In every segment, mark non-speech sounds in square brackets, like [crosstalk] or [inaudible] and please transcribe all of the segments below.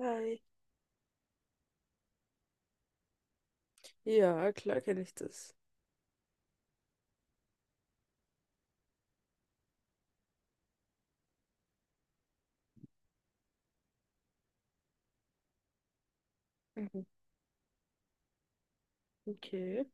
Hi. Ja, klar kenne ich das. Mhm. Okay.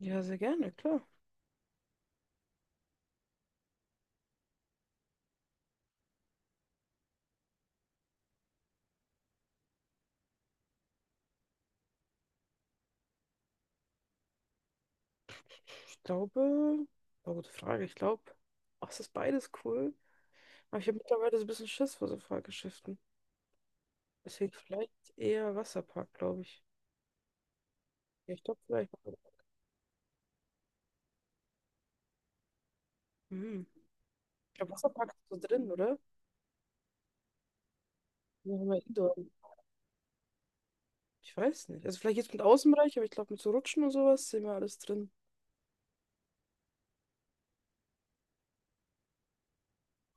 Ja, sehr gerne, klar. Ich glaube, oh, gute Frage. Ich glaube, ach, es ist beides cool. Aber ich habe mittlerweile so ein bisschen Schiss vor so Fahrgeschäften. Deswegen vielleicht eher Wasserpark, glaube ich. Ja, ich glaube vielleicht. Hm. Ich glaube, Wasserpark ist so drin, oder? Ja, haben wir Indoor. Ich weiß nicht. Also vielleicht jetzt mit Außenbereich, aber ich glaube mit so Rutschen und sowas sehen wir alles drin.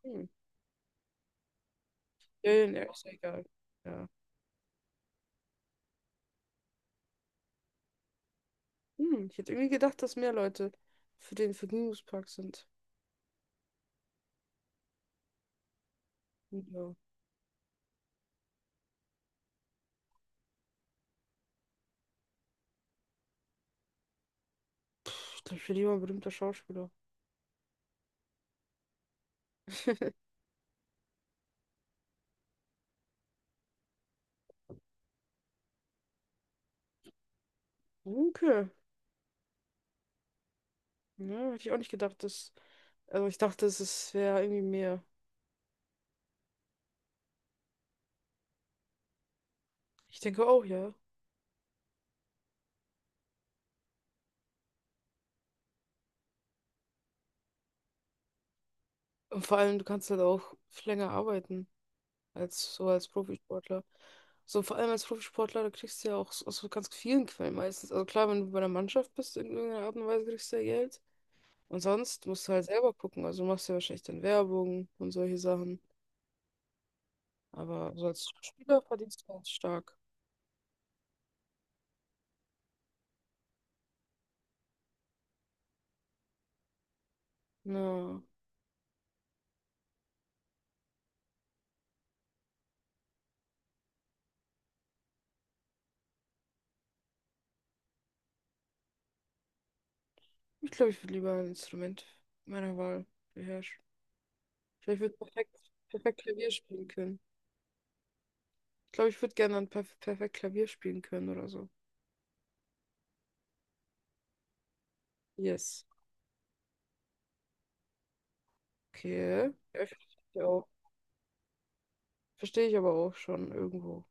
Hm. Ja, ja, ja, ist ja egal. Ja. Hm. Ich hätte irgendwie gedacht, dass mehr Leute für den Vergnügungspark sind. Ja. Pff, ich glaube, ich werde lieber ein berühmter Schauspieler. [laughs] Okay. Ja, hätte ich auch nicht gedacht, dass. Also ich dachte, wäre irgendwie mehr. Ich denke auch, ja. Und vor allem, du kannst halt auch länger arbeiten als so als Profisportler. So, vor allem als Profisportler, da kriegst du ja auch so, aus so ganz vielen Quellen meistens. Also klar, wenn du bei einer Mannschaft bist, in irgendeiner Art und Weise kriegst du ja Geld. Und sonst musst du halt selber gucken. Also du machst ja wahrscheinlich dann Werbung und solche Sachen. Aber so als Spieler verdienst du ganz stark. Ja. Ich glaube, ich würde lieber ein Instrument meiner Wahl beherrschen. Vielleicht würde ich würd perfekt, perfekt Klavier spielen können. Ich glaube, ich würde gerne dann perfekt Klavier spielen können oder so. Yes. Okay. Ja, verstehe ich auch. Verstehe ich aber auch schon irgendwo.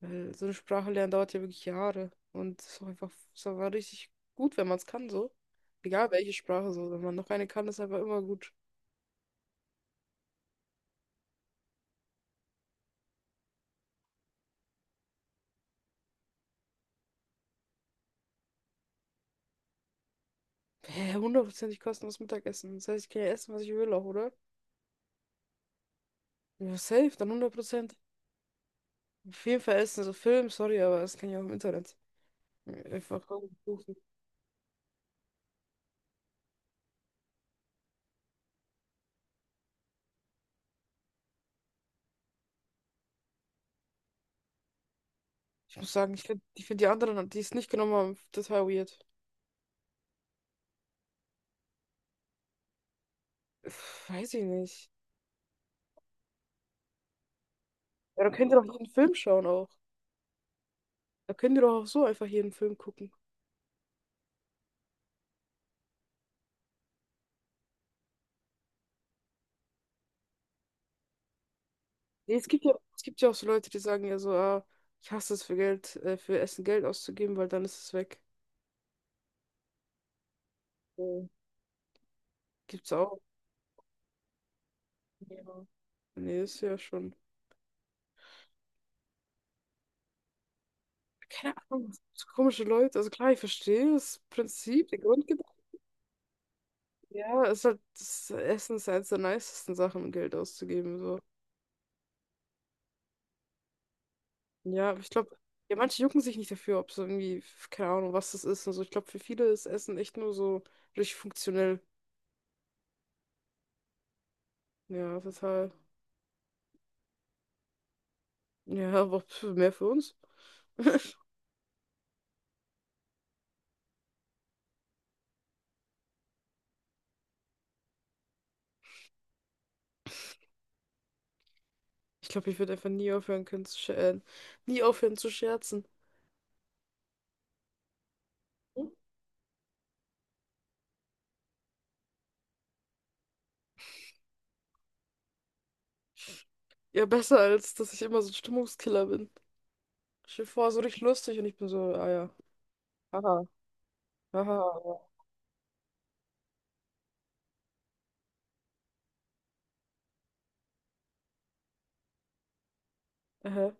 Weil so eine Sprache lernen dauert ja wirklich Jahre. Und es ist auch einfach ist aber richtig gut, wenn man es kann, so. Egal welche Sprache so. Wenn man noch eine kann, ist einfach immer gut. Hä, hundertprozentig kostenloses Mittagessen. Das heißt, ich kann ja essen, was ich will auch, oder? Ja, safe, dann 100%. Auf jeden Fall ist es so Film, sorry, aber das kann ich auch im Internet einfach suchen. Ich muss sagen, ich find die anderen, die es nicht genommen haben, total weird. Pff, weiß ich nicht. Ja, da könnt ihr doch jeden Film schauen auch. Da könnt ihr doch auch so einfach jeden Film gucken. Nee, es gibt ja auch so Leute, die sagen ja so, ah, ich hasse es für Geld, für Essen Geld auszugeben, weil dann ist es weg. So. Gibt's auch. Ja. Nee, ist ja schon. Keine Ahnung, so komische Leute. Also klar, ich verstehe das Prinzip, den Grund. Ja, es ist halt, das Essen ist ja eins der nicesten Sachen, um Geld auszugeben. So. Ja, aber ich glaube, ja, manche jucken sich nicht dafür, ob es irgendwie, keine Ahnung, was das ist und so. Ich glaube, für viele ist Essen echt nur so richtig funktionell. Ja, total. Ja, aber pf, mehr für uns. Ich glaube, ich würde einfach nie aufhören können zu scherzen. Nie aufhören zu scherzen. Hm? Ja, besser als, dass ich immer so ein Stimmungskiller bin. Ich stell dir vor, so richtig lustig und ich bin so, ah ja, haha, haha, ja. Aha,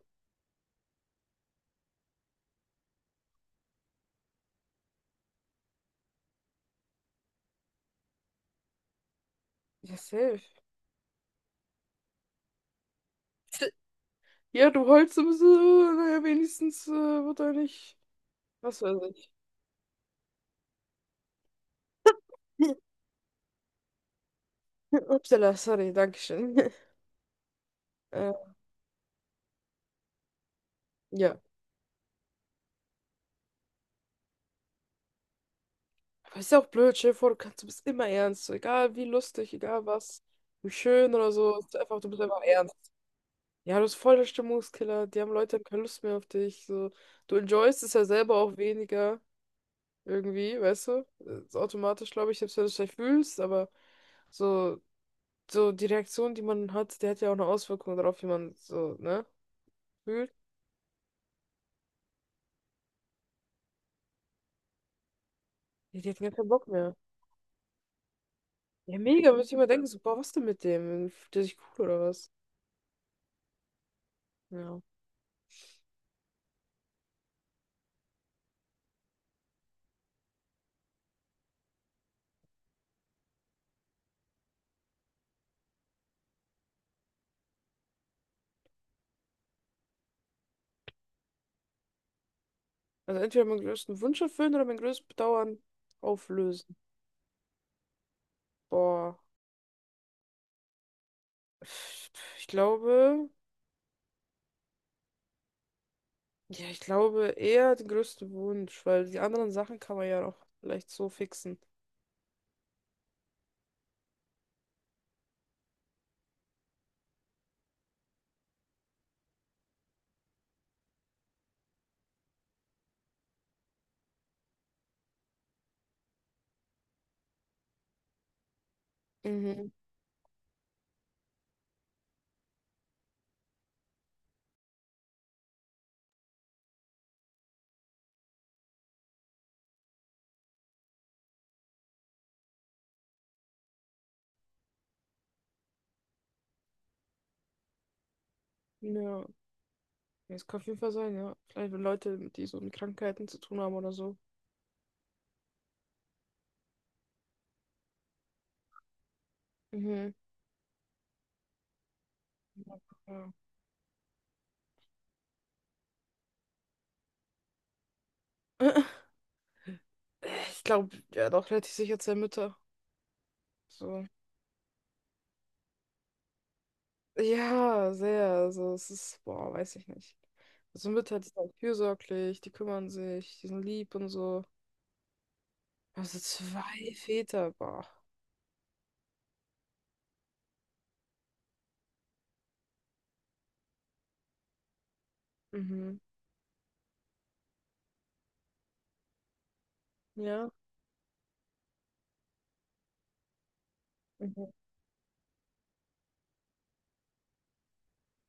ja, safe. Ja, du heulst ein bisschen, naja, wenigstens wird er nicht. Was weiß ich. [laughs] Upsala, sorry, Dankeschön. [laughs] Äh, ja. Aber ist ja auch blöd, stell dir vor, du kannst, du bist immer ernst. So, egal wie lustig, egal was, wie schön oder so. Ist einfach, du bist einfach ernst. Ja, du bist voll der Stimmungskiller. Die haben Leute haben keine Lust mehr auf dich. So. Du enjoyst es ja selber auch weniger. Irgendwie, weißt du? Ist automatisch, glaube ich, selbst wenn du es vielleicht fühlst, aber so, so die Reaktion, die man hat, die hat ja auch eine Auswirkung darauf, wie man so, ne? fühlt. Ja, die hatten gar keinen Bock mehr. Mega, muss ich immer denken, so, boah, was denn mit dem? Fühlt der sich cool oder was? Ja. Also entweder meinen größten Wunsch erfüllen oder mein größtes Bedauern auflösen. Boah. Ich glaube, ja, ich glaube eher den größten Wunsch, weil die anderen Sachen kann man ja auch vielleicht so fixen. Mhm. Ja. Es kann auf jeden Fall sein, ja. Vielleicht wenn Leute, die so mit Krankheiten zu tun haben oder so. Mhm. Ja. [laughs] Ich glaube, ja, doch relativ sicher zwei Mütter. So. Ja, sehr. Also es ist, boah, weiß ich nicht. Also Mütter, die sind halt fürsorglich, die kümmern sich, die sind lieb und so. Also zwei Väter, boah. Mhm. Ja. Mhm.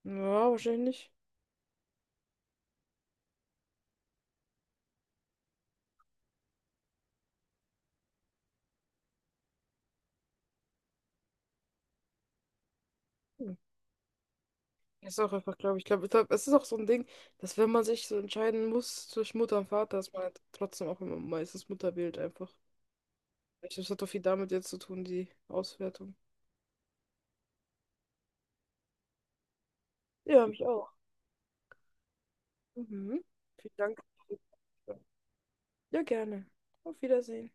Ja, wahrscheinlich nicht. Hm. Ist auch einfach, ich glaub, es ist auch so ein Ding, dass wenn man sich so entscheiden muss zwischen Mutter und Vater, dass man halt trotzdem auch immer meistens Mutter wählt einfach. Ich glaube, es hat doch viel damit jetzt zu tun, die Auswertung. Ja, mich auch. Mhm. Vielen Dank. Ja, gerne. Auf Wiedersehen.